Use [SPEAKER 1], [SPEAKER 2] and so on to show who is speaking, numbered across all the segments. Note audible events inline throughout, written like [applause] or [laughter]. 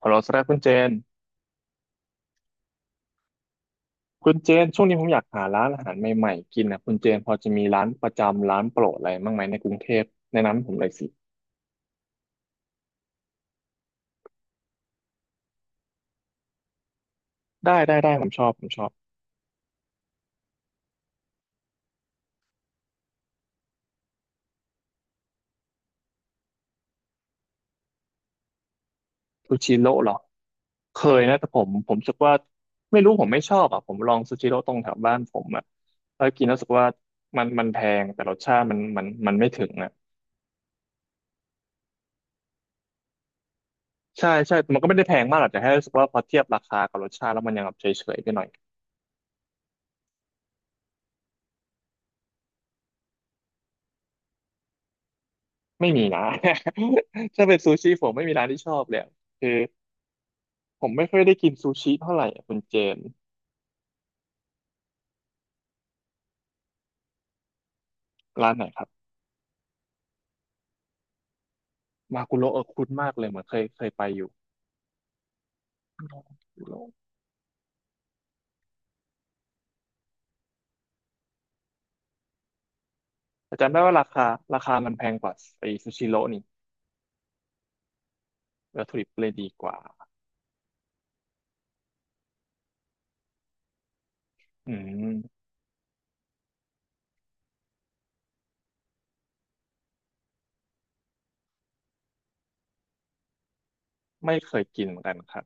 [SPEAKER 1] ขอเราสรัคุณเจนช่วงนี้ผมอยากหาร้านอาหารใหม่ๆกินนะคุณเจนพอจะมีร้านประจำร้านโปรดอะไรบ้างไหมในกรุงเทพแนะนำให้ผมเลยสิได้ได้ได้ผมชอบซูชิโร่เหรอเคยนะแต่ผมรู้สึกว่าไม่รู้ผมไม่ชอบอ่ะผมลองซูชิโร่ตรงแถวบ้านผมอ่ะแล้วกินแล้วรู้สึกว่ามันแพงแต่รสชาติมันไม่ถึงอ่ะใช่ใช่มันก็ไม่ได้แพงมากหรอกแต่แค่รู้สึกว่าพอเทียบราคากับรสชาติแล้วมันยังแบบเฉยๆไปหน่อยไม่มีนะ [laughs] ถ้าเป็นซูชิผมไม่มีร้านที่ชอบเลยอะคือ ผมไม่ค่อยได้กินซูชิเท่าไหร่อะคุณเจน ร้านไหนครับ มากุโระเออคุ้นมากเลยเหมือนเคยไปอยู่มากุโระแต่จำได้ว่าราคาราคามันแพงกว่าไอซูชิโร่นี่วัตถุดิบเลยดีกว่าอืมไม่เคยกินเหมือนกันครับ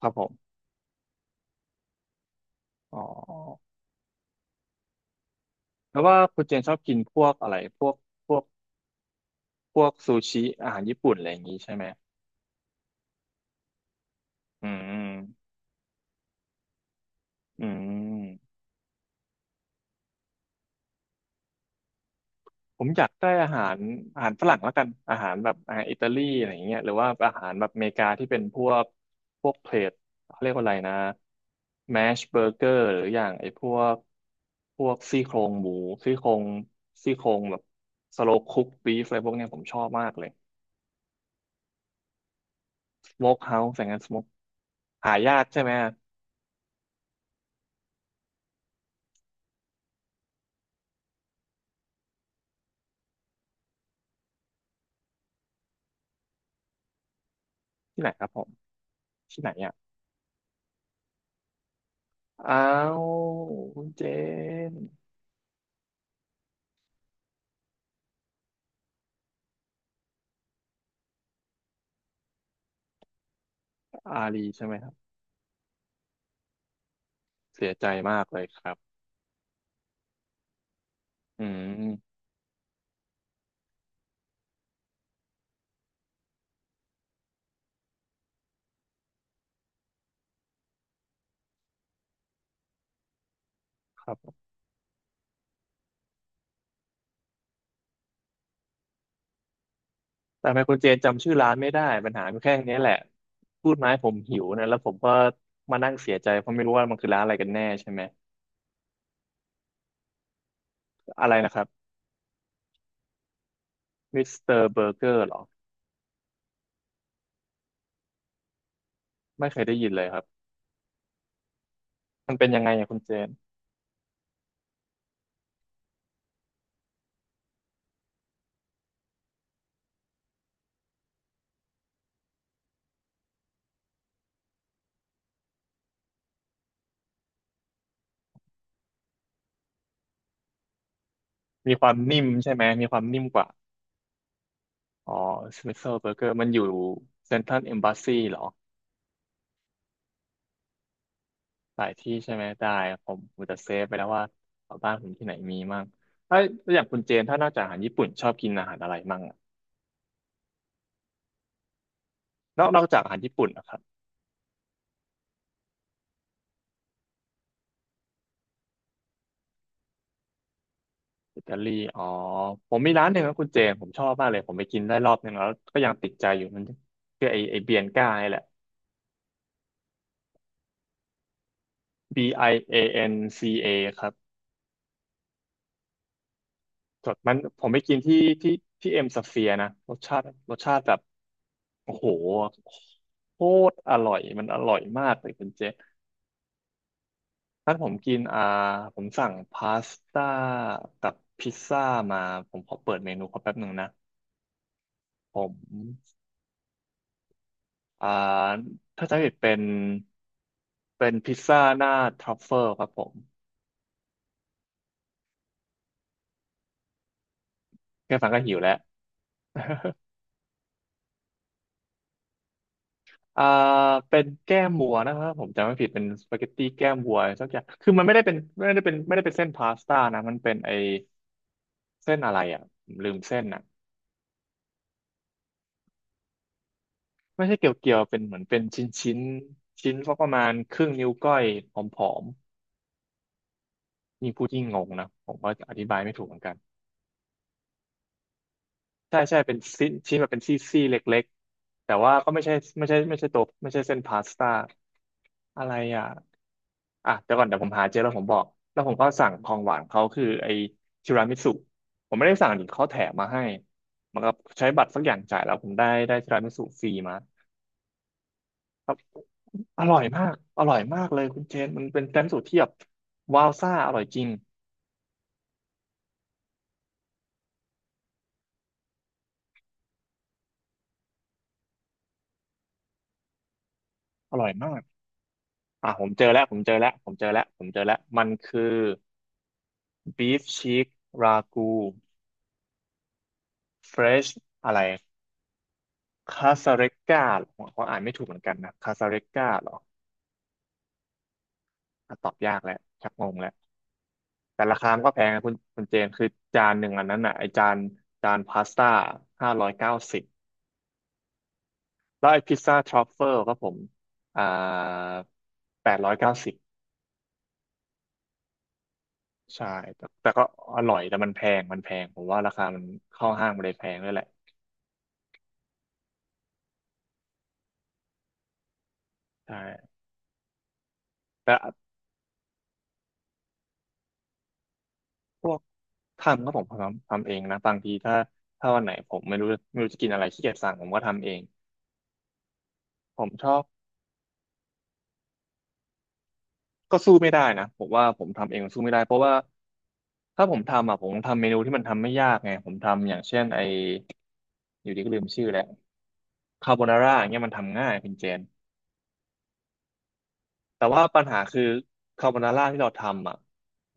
[SPEAKER 1] ครับผมอ๋อแล้วว่าคุณเจนชอบกินพวกอะไรพวกพวกซูชิอาหารญี่ปุ่นอะไรอย่างนี้ใช่ไหมอืมอืม ผมอยากได้อาหารอาหารฝรั่งแล้วกันอาหารแบบอาหารอิตาลีอะไรอย่างเงี้ยหรือว่าอาหารแบบอเมริกาที่เป็นพวกเพลทเขาเรียกว่าอะไรนะแมชเบอร์เกอร์หรืออย่างไอ้พวกซี่โครงหมูซี่โครงซี่โครงแบบสโลคุกบีฟอะไรพวกเนี้ยผมชอบมากเลยสโมกเฮาส์อย่างนั้นสโมกหายากใช่ไหมที่ไหนครับผมที่ไหนอ่ะอ้าวคุณเจนอารีใช่ไหมครับเสียใจมากเลยครับอืมครับ แต่ไมโครเจนจำชื่อร้านไม่ได้ปัญหามันแค่เนี้ยแหละพูดมาให้ผมหิวนะแล้วผมก็มานั่งเสียใจเพราะไม่รู้ว่ามันคือร้านอะไรกันแน่ใช่ไหมอะไรนะครับมิสเตอร์เบอร์เกอร์หรอไม่เคยได้ยินเลยครับมันเป็นยังไงอะคุณเจนมีความนิ่มใช่ไหมมีความนิ่มกว่าอ๋อสมิสเตเบอร์เกอร์มันอยู่เซ็นทรัลเอมบ s สซีเหรอหลายที่ใช่ไหมได้ผมผมจะเซฟไปแล้วว่าแถวบ้านผมที่ไหนมีมั่งถ้าอย่างคุณเจนถ้านอกจากอาหารญี่ปุ่นชอบกินอาหารอะไรมั่งอะนอกจากอาหารญี่ปุ่นนะครับ อิตาลีอ๋อ ผมมีร้านหนึ่งนะัคุณเจผมชอบมากเลยผมไปกินได้รอบหนึ่งแล้วก็ยังติดใจอยู่มันคือไอเบียนก้านี่แหละ Bianca ครับสดมันผมไปกินที่ที่ที่เอ็มสเฟียนะ รสชาติแบบ โอ้โหโคตรอร่อย มันอร่อยมากเลยคุณเจมส์ถ้าผมกินอ่าผมสั่งพาสต้ากับพิซซ่ามาผมขอเปิดเมนูเขาแป๊บหนึ่งนะผมอ่าถ้าจำไม่ผิดเป็น เป็นพิซซ่าหน้าทรัฟเฟิลครับผมแค่ฟังก็หิวแล้ว [laughs] อ่าเป็นแก้มวัวนะครับผมจำไม่ผิดเป็นสปาเกตตี้แก้มวัวสักอย่างคือมันไม่ได้เป็นไม่ได้เป็นไม่ได้เป็นเส้นพาสต้านะมันเป็นไอเส้นอะไรอ่ะผมลืมเส้นอ่ะไม่ใช่เกี่ยวเกี่ยวเป็นเหมือนเป็นชิ้นชิ้นชิ้นสักประมาณครึ่งนิ้วก้อยผอมๆยิ่งพูดยิ่งงงนะผมก็อธิบายไม่ถูกเหมือนกันใช่ใช่เป็นชิ้นชิ้นแบบเป็นซี่ซี่เล็กๆแต่ว่าก็ไม่ใช่ไม่ใช่ตัวไม่ใช่เส้นพาสต้าอะไรอ่ะ อ่ะเดี๋ยวก่อนเดี๋ยวผมหาเจอแล้วผมบอกแล้วผมก็สั่งของหวานเขาคือไอ้ทีรามิสุผมไม่ได้สั่งดิเขาแถมมาให้เหมันก็ใช้บัตรสักอย่างจ่ายแล้วผมได้ทีรามิสุฟรีมาครับอร่อยมากอร่อยมากเลยคุณเจนมันเป็นทีรามิสุที่แบบว้าวซ่าอร่อยจริงอร่อยมากอ่ะผมเจอแล้วผมเจอแล้วผมเจอแล้วผมเจอแล้วมันคือบีฟชีกรากูเฟรชอะไรคาซาเรก a าผมอ่านไม่ถูกเหมือนกันนะคาซาเรก a าหรออ่ะตอบยากแล้วชักงงแล้ว แต่ราคามันก็แพงนะคุณเจนคือจานหนึ่งอันนั้นน่ะไอจานจานพาสต้า590แล้วไอพิซซ่าทรัฟเฟิลก็ผมอ่า890ใช่แต่ก็อร่อยแต่มันแพงมันแพงผมว่าราคามันเข้าห้างมันเลยแพงด้วยแหละใช่แต่พวกทำก็ผมทำเองนะบางทีถ้าวันไหนผมไม่รู้จะกินอะไรขี้เกียจสั่งผมก็ทำเองผมชอบ ก็สู้ไม่ได้นะผมว่าผมทำเองสู้ไม่ได้เพราะว่าถ้าผมทำอ่ะผมทำเมนูที่มันทำไม่ยากไงผมทำอย่างเช่นไออยู่ดีก็ลืมชื่อแล้วคาโบนาร่าอย่างเงี้ยมันทำง่ายคุณเจนแต่ว่าปัญหาคือคาโบนาร่าที่เราทำอ่ะ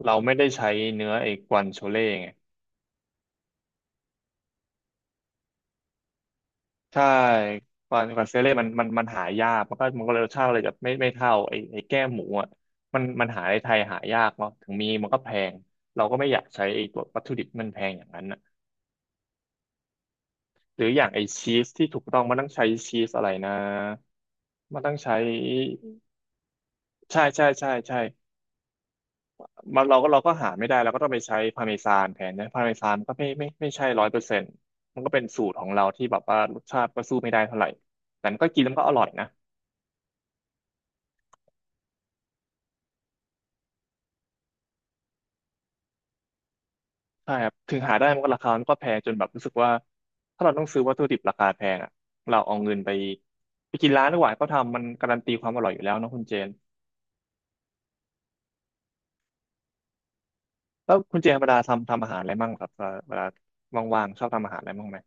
[SPEAKER 1] เราไม่ได้ใช้เนื้อไอ้กวานโชเล่ไงใช่กวานโชเล่มันหายากมันก็เลยรสชาติเลยแบไม่ไม่เท่าไอ้แก้มหมูอ่ะมันหาในไทยหายากเนาะถึงมีมันก็แพงเราก็ไม่อยากใช้ไอ้ตัววัตถุดิบที่มันแพงอย่างนั้น หรืออย่างไอชีสที่ถูกต้องมันต้องใช้ชีสอะไรนะมันต้องใช้ใช่ใช่ใช่ใช่มันเราก็หาไม่ได้เราก็ต้องไปใช้พาร์เมซานแทนนะพาร์เมซานก็ไม่ใช่100%มันก็เป็นสูตรของเราที่แบบว่ารสชาติก็สู้ไม่ได้เท่าไหร่แต่มันก็กินแล้วมันก็อร่อยนะใช่ครับถึงหาได้มันก็ราคามันก็แพงจนแบบรู้สึกว่าถ้าเราต้องซื้อวัตถุดิบราคาแพงอ่ะเราเอาเงินไปไปกินร้านดีกว่าเขาทำมันการันตีความอร่อยอยู่แล้วเนอะคุณเจน แล้วคุณเจนเวลาทำอาหารอะไรมั่งครับเวลาว่างๆชอบทำอาหารอะไรมั่งไหม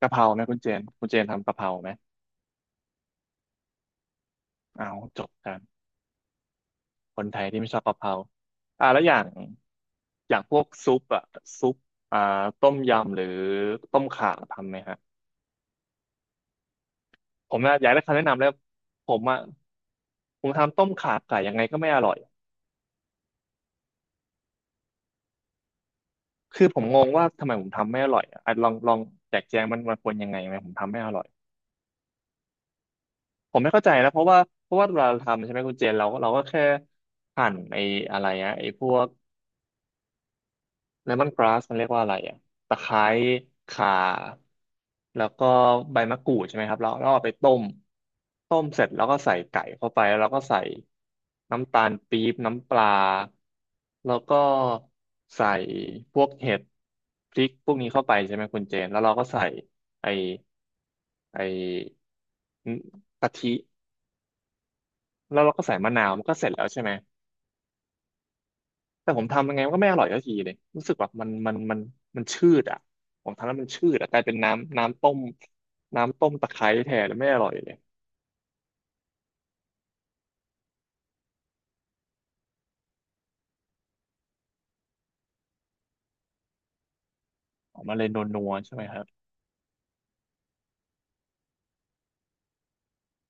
[SPEAKER 1] กะเพราไหมคุณเจนทำกะเพราไหมเอาวจบกันคนไทยที่ไม่ชอบกะเพราแล้วอย่างพวกซุปอะซุปอ่าต้มยำหรือต้มข่าทำไหมฮะผมนะอยากได้คำแนะนำแล้วผมอะผมทำต้มข่าไก่ยังไงก็ไม่อร่อยคือผมงงว่าทำไมผมทำไม่อร่อยอะอ่ะลองลองแจกแจงมันมันควรยังไงไหมผมทำไม่อร่อย ผมไม่เข้าใจนะเพราะว่าเวลาเราทำใช่ไหมคุณเจนเราก็แค่หั่นไอ้อะไรอะไอ้พวกเลมอนกราสมันเรียกว่าอะไรอะตะไคร้ข่าแล้วก็ใบมะกรูดใช่ไหมครับแล้วเราเอาไปต้มเสร็จแล้วก็ใส่ไก่เข้าไปแล้วเราก็ใส่น้ำตาลปี๊บน้ำปลาแล้วก็ใส่พวกเห็ดพริกพวกนี้เข้าไปใช่ไหมคุณเจนแล้วเราก็ใส่ไอ้ไอ้กะทิ แล้วเราก็ใส่มะนาวมันก็เสร็จแล้วใช่ไหมแต่ผมทำยังไงมันก็ไม่อร่อยสักทีเลยรู้สึกว่ามันชืดอ่ะผมทำแล้วมันชืดอ่ะกลายเป็นน้ำต้มตะไคร้แทนแล้วไม่อร่อยเลยออกมาเลยนัวๆใช่ไหมครับ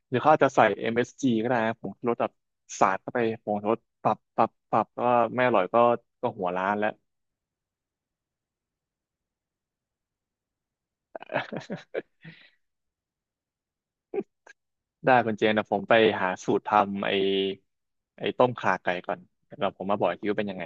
[SPEAKER 1] หรือเขาอาจจะใส่เอ็มเอสจีก็ได้นะผงชูรสแบบสาดเข้าไปผงชูรสปรับปรับปรับก็ไม่อร่อยก็หัวร้านแล้ว [laughs] ได้คุณเจนนะผมไปหาสูตรทำไอ้ต้มข่าไก่ก่อนแล้วผมมาบอกอีกทีว่าเป็นยังไง